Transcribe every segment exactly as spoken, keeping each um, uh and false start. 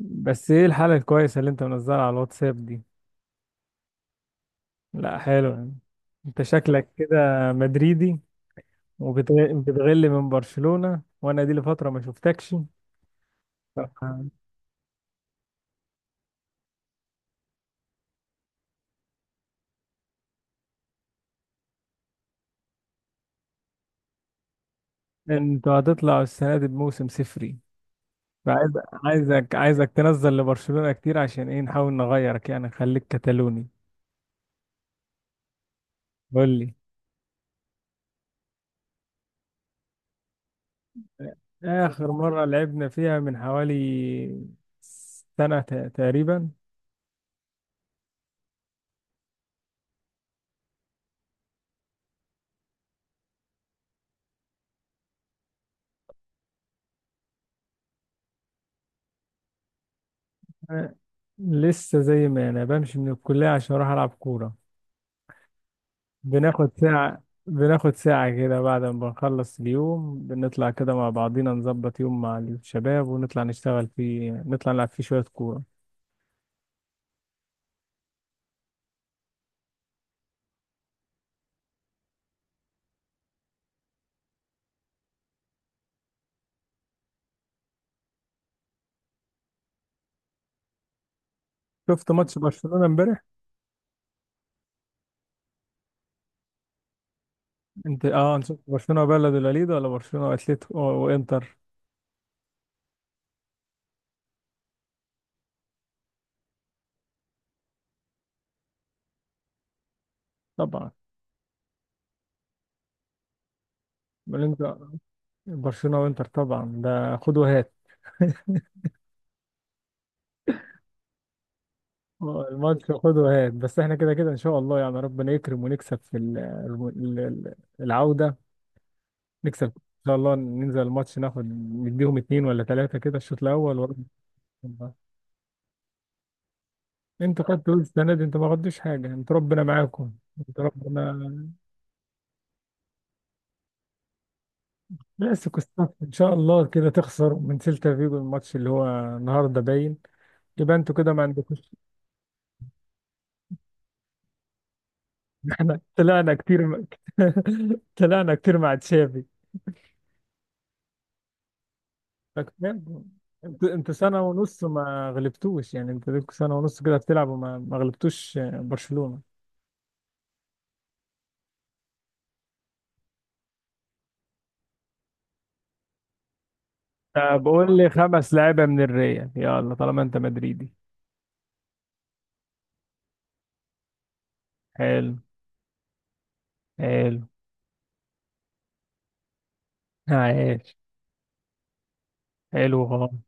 بس ايه الحالة الكويسة اللي انت منزلها على الواتساب دي؟ لا، حلو يعني. انت شكلك كده مدريدي، وبتغل من برشلونة، وانا دي لفترة ما شفتكش. آه. انتوا هتطلعوا السنة دي بموسم صفري. فعايز عايزك عايزك تنزل لبرشلونة كتير، عشان ايه، نحاول نغيرك يعني، نخليك كتالوني. قول لي، آخر مرة لعبنا فيها من حوالي سنة ت- تقريبا. آه، لسه زي ما أنا بمشي من الكلية عشان أروح ألعب كورة، بناخد ساعة بناخد ساعة كده بعد ما بنخلص اليوم، بنطلع كده مع بعضينا، نظبط يوم مع الشباب ونطلع نشتغل فيه، نطلع نلعب فيه شوية كورة. شفت ماتش برشلونة امبارح؟ انت اه انت شفت برشلونة وبلد الوليد، ولا برشلونة واتليتيكو وانتر؟ طبعا. بل انت برشلونة وانتر طبعا، ده خد وهات. آه، الماتش خد وهات، بس احنا كده كده ان شاء الله يعني، ربنا يكرم ونكسب في ال- ال- ال- العودة، نكسب ان شاء الله، ننزل الماتش ناخد، نديهم اتنين ولا تلاتة كده الشوط الاول، وربنا يكرم. انتوا خدتوا السنة دي؟ انتوا ما خدتوش حاجة، انتوا ربنا معاكم، انتوا ربنا كلاسيكو الصف ان شاء الله، كده تخسر من سيلتا فيجو الماتش اللي هو النهارده باين، يبقى انتوا كده ما عندكوش. احنا طلعنا كتير مع- طلعنا كتير مع تشافي. فكمان، انت انت سنة ونص ما غلبتوش يعني، انت لكم سنة ونص كده بتلعب، وما ما غلبتوش برشلونة. طب قول لي خمس لعيبة من الريال، يلا طالما انت مدريدي. حلو. حلو. عايش. حلو خالص.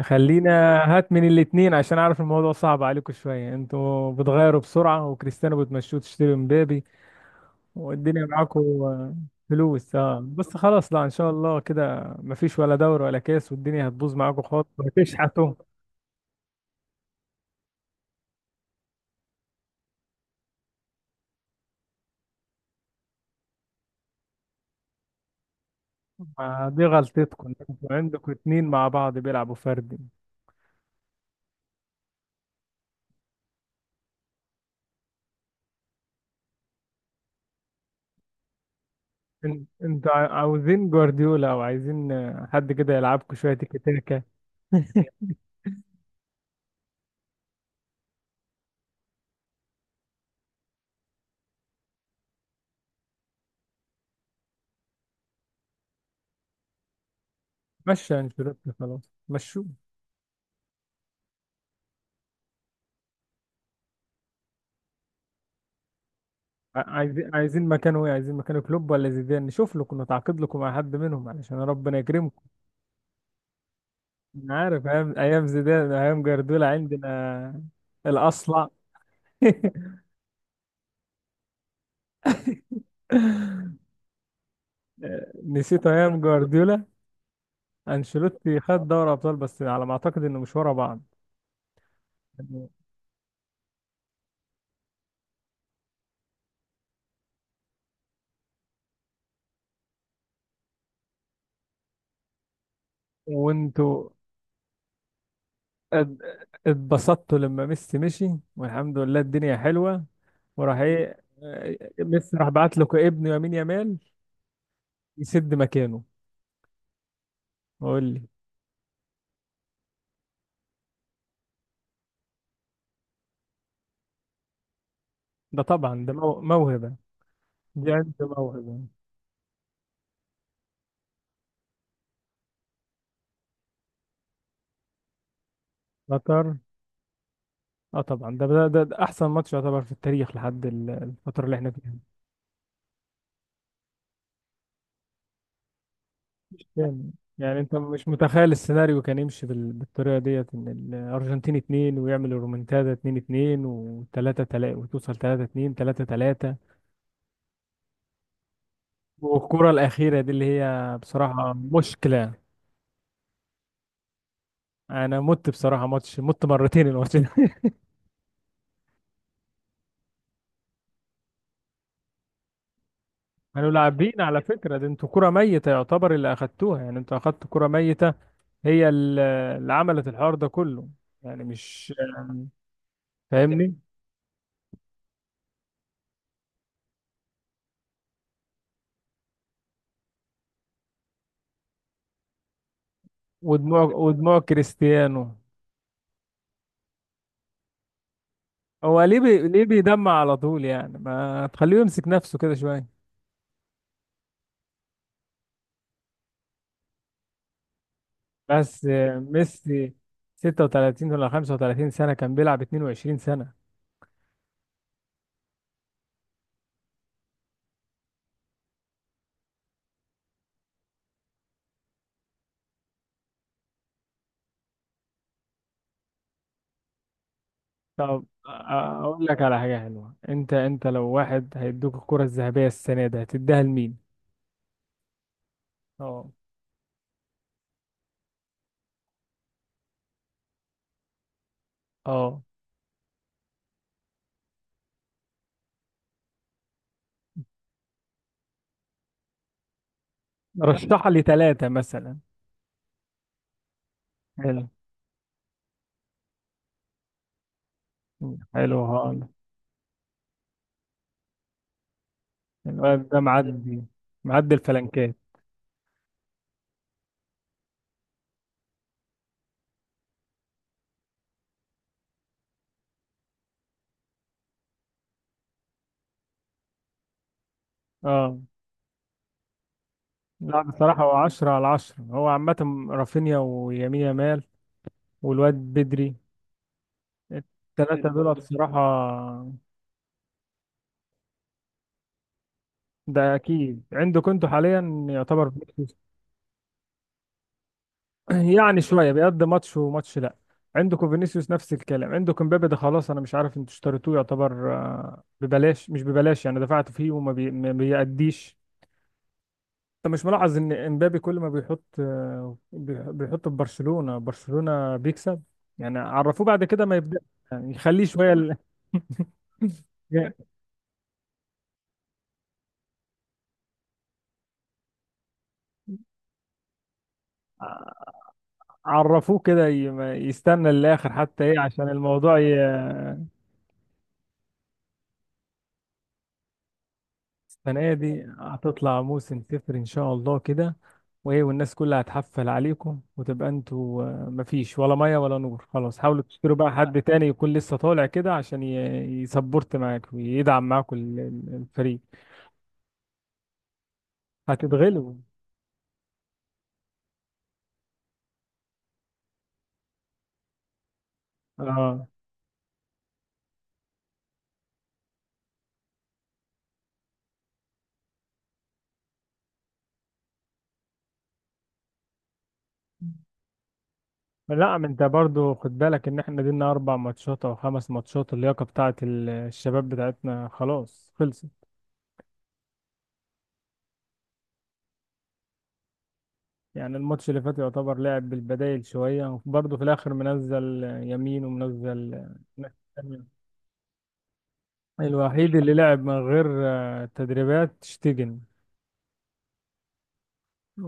خلينا، هات من الاتنين عشان اعرف الموضوع صعب عليكم شوية. انتوا بتغيروا بسرعة، وكريستيانو بتمشوه تشتري مبابي، والدنيا معاكم. آه، فلوس، اه، بس خلاص، لا ان شاء الله كده مفيش ولا دوري ولا كاس، والدنيا هتبوظ معاكم خالص وهتشحتوا. ما دي غلطتكم انتوا، عندكم اتنين مع بعض بيلعبوا فردي. ان- انتوا عا- عاوزين جوارديولا، او عايزين آه، حد كده يلعبكم شويه تيكي تاكا. مشى انشيلوتي خلاص، مشوه. ع- عايزين عايزين مكانه ايه؟ عايزين مكانه كلوب ولا زيدان؟ نشوف لكم، نتعاقد لكم مع حد منهم علشان ربنا يكرمكم. انا عارف، ايام ايام زيدان، ايام جوارديولا عندنا الاصلع. نسيت ايام جوارديولا. انشيلوتي خد دوري ابطال، بس على ما اعتقد انه مش ورا بعض. وانتوا ات- اتبسطت لما ميسي مشي، والحمد لله الدنيا حلوة. وراح ايه؟ آه، ميسي راح بعت لكم ابنه يمين يمال يسد مكانه. وقول لي، ده طبعا ده مو- موهبة، دي عنده موهبة. قطر. اه طبعا، ده ده, ده, ده احسن ماتش يعتبر في التاريخ لحد ال- الفترة اللي احنا فيها. يعني يعني انت مش متخيل السيناريو كان يمشي بال- بالطريقة ديت، ان الارجنتين اتنين، ويعمل الرومنتادا اتنين اتنين وتلاتة تلاتة، وتوصل تلاتة اتنين، تلاتة تلاتة. والكرة الأخيرة دي اللي هي بصراحة مشكلة. أنا مت بصراحة، ماتش مت مرتين الماتش ده. كانوا لاعبين على فكرة، ده انتوا كرة ميتة يعتبر اللي أخدتوها، يعني انتوا أخدتوا كرة ميتة، هي ال- اللي عملت الحوار ده كله، يعني، مش فاهمني؟ ودموع ودموع كريستيانو، هو ليه بي... ليه بيدمع على طول؟ يعني ما تخليه يمسك نفسه كده شوية. بس ميسي ستة وتلاتين ولا خمسة وتلاتين سنة، كان بيلعب اتنين وعشرين سنة. طب اقول لك على حاجه حلوه، انت انت لو واحد هيدوك الكره الذهبيه السنه دي، هتديها لمين؟ اه. اه. رشح لي ثلاثه مثلا. حلو. حلو، هقول. الواد ده معدي معدي الفلنكات. اه. لا بصراحه، هو عشرة على عشرة هو عامه، رافينيا ويمين يامال والواد بدري، الثلاثه دول بصراحه ده اكيد عندك انتوا حاليا يعتبر. يعني شويه بيقضي ماتش وماتش لا. عندكم فينيسيوس نفس الكلام، عندكم مبابي ده خلاص، انا مش عارف انتوا اشتريتوه يعتبر آه، ببلاش مش ببلاش يعني، دفعت فيه وما بي... ما بيأديش. انت مش ملاحظ ان امبابي كل ما بيحط آه، بي- بيحط في برشلونه، برشلونه بيكسب؟ يعني عرفوه، بعد كده ما يبدأ يعني يخليه شويه ال- عرفوه كده، ي- ما يستنى للاخر حتى ايه عشان الموضوع. السنة دي هتطلع موسم صفر إن شاء الله كده، وإيه، والناس كلها هتحفل عليكم، وتبقى أنتوا آه، مفيش ولا مية ولا نور خلاص، حاولوا تشتروا بقى حد تاني يكون لسه طالع كده عشان ي- يسبورت معاك، ويدعم معاكم ال- ال- الفريق. هتتغلبوا. اه، لا، ما انت برضو خد بالك ان احنا دينا اربع ماتشات او خمس ماتشات، اللياقة بتاعت ال- الشباب بتاعتنا خلاص خلصت. يعني الماتش اللي فات يعتبر لعب بالبدايل شوية، وبرضه في الآخر منزل يمين ومنزل ناس تانية. الوحيد اللي لعب من غير آه، تدريبات شتيجن.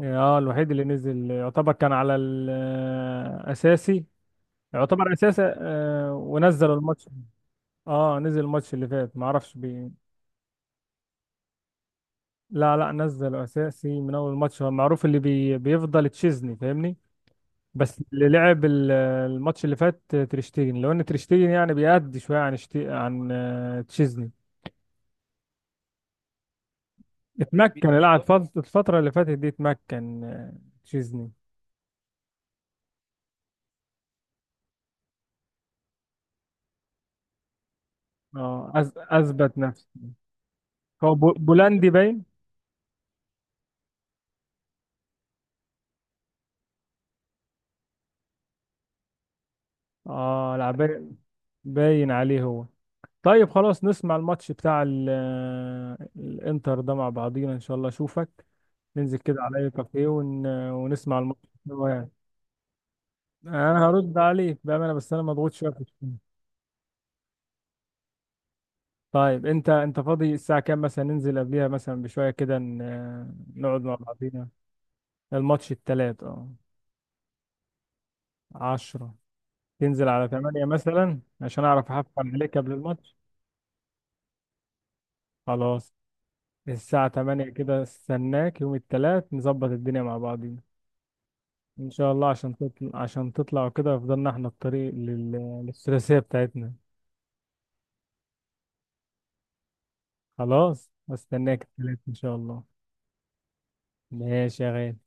اه، الوحيد اللي نزل يعتبر كان على الأساسي، يعتبر أساسي، آه، ونزل الماتش. اه، نزل الماتش اللي فات، معرفش بي... لا، لا، نزل أساسي من أول الماتش، هو معروف اللي بي... بيفضل تشيزني، فاهمني؟ بس اللي لعب ال- الماتش اللي فات تريشتيجن، لو ان تريشتيجن يعني بيأدي شويه عن شتي... عن آه، تشيزني، اتمكن اللاعب فت- الفتره اللي فاتت دي، اتمكن آه، تشيزني. اه، أز... اثبت نفسه. هو بو- بولندي باين. اه، لعب، باين عليه هو. طيب خلاص، نسمع الماتش بتاع ال- الانتر ده مع بعضينا ان شاء الله، اشوفك ننزل كده على اي كافيه ون... ونسمع الماتش سوا يعني. انا هرد عليك بامانه، بس انا مضغوط شويه في الشغل. طيب انت انت فاضي الساعة كام مثلا؟ ننزل قبليها مثلا بشوية كده، ن- نقعد مع بعضينا. الماتش التلات، اه عشرة. تنزل على تمانية مثلا عشان اعرف احفل عليك قبل الماتش. خلاص. الساعة تمانية كده، استناك يوم التلات، نظبط الدنيا مع بعضينا، ان شاء الله عشان تطلع عشان تطلع كده فضلنا احنا الطريق لل... للثلاثية بتاعتنا. خلاص، استناك التلات ان شاء الله. ماشي يا غالي.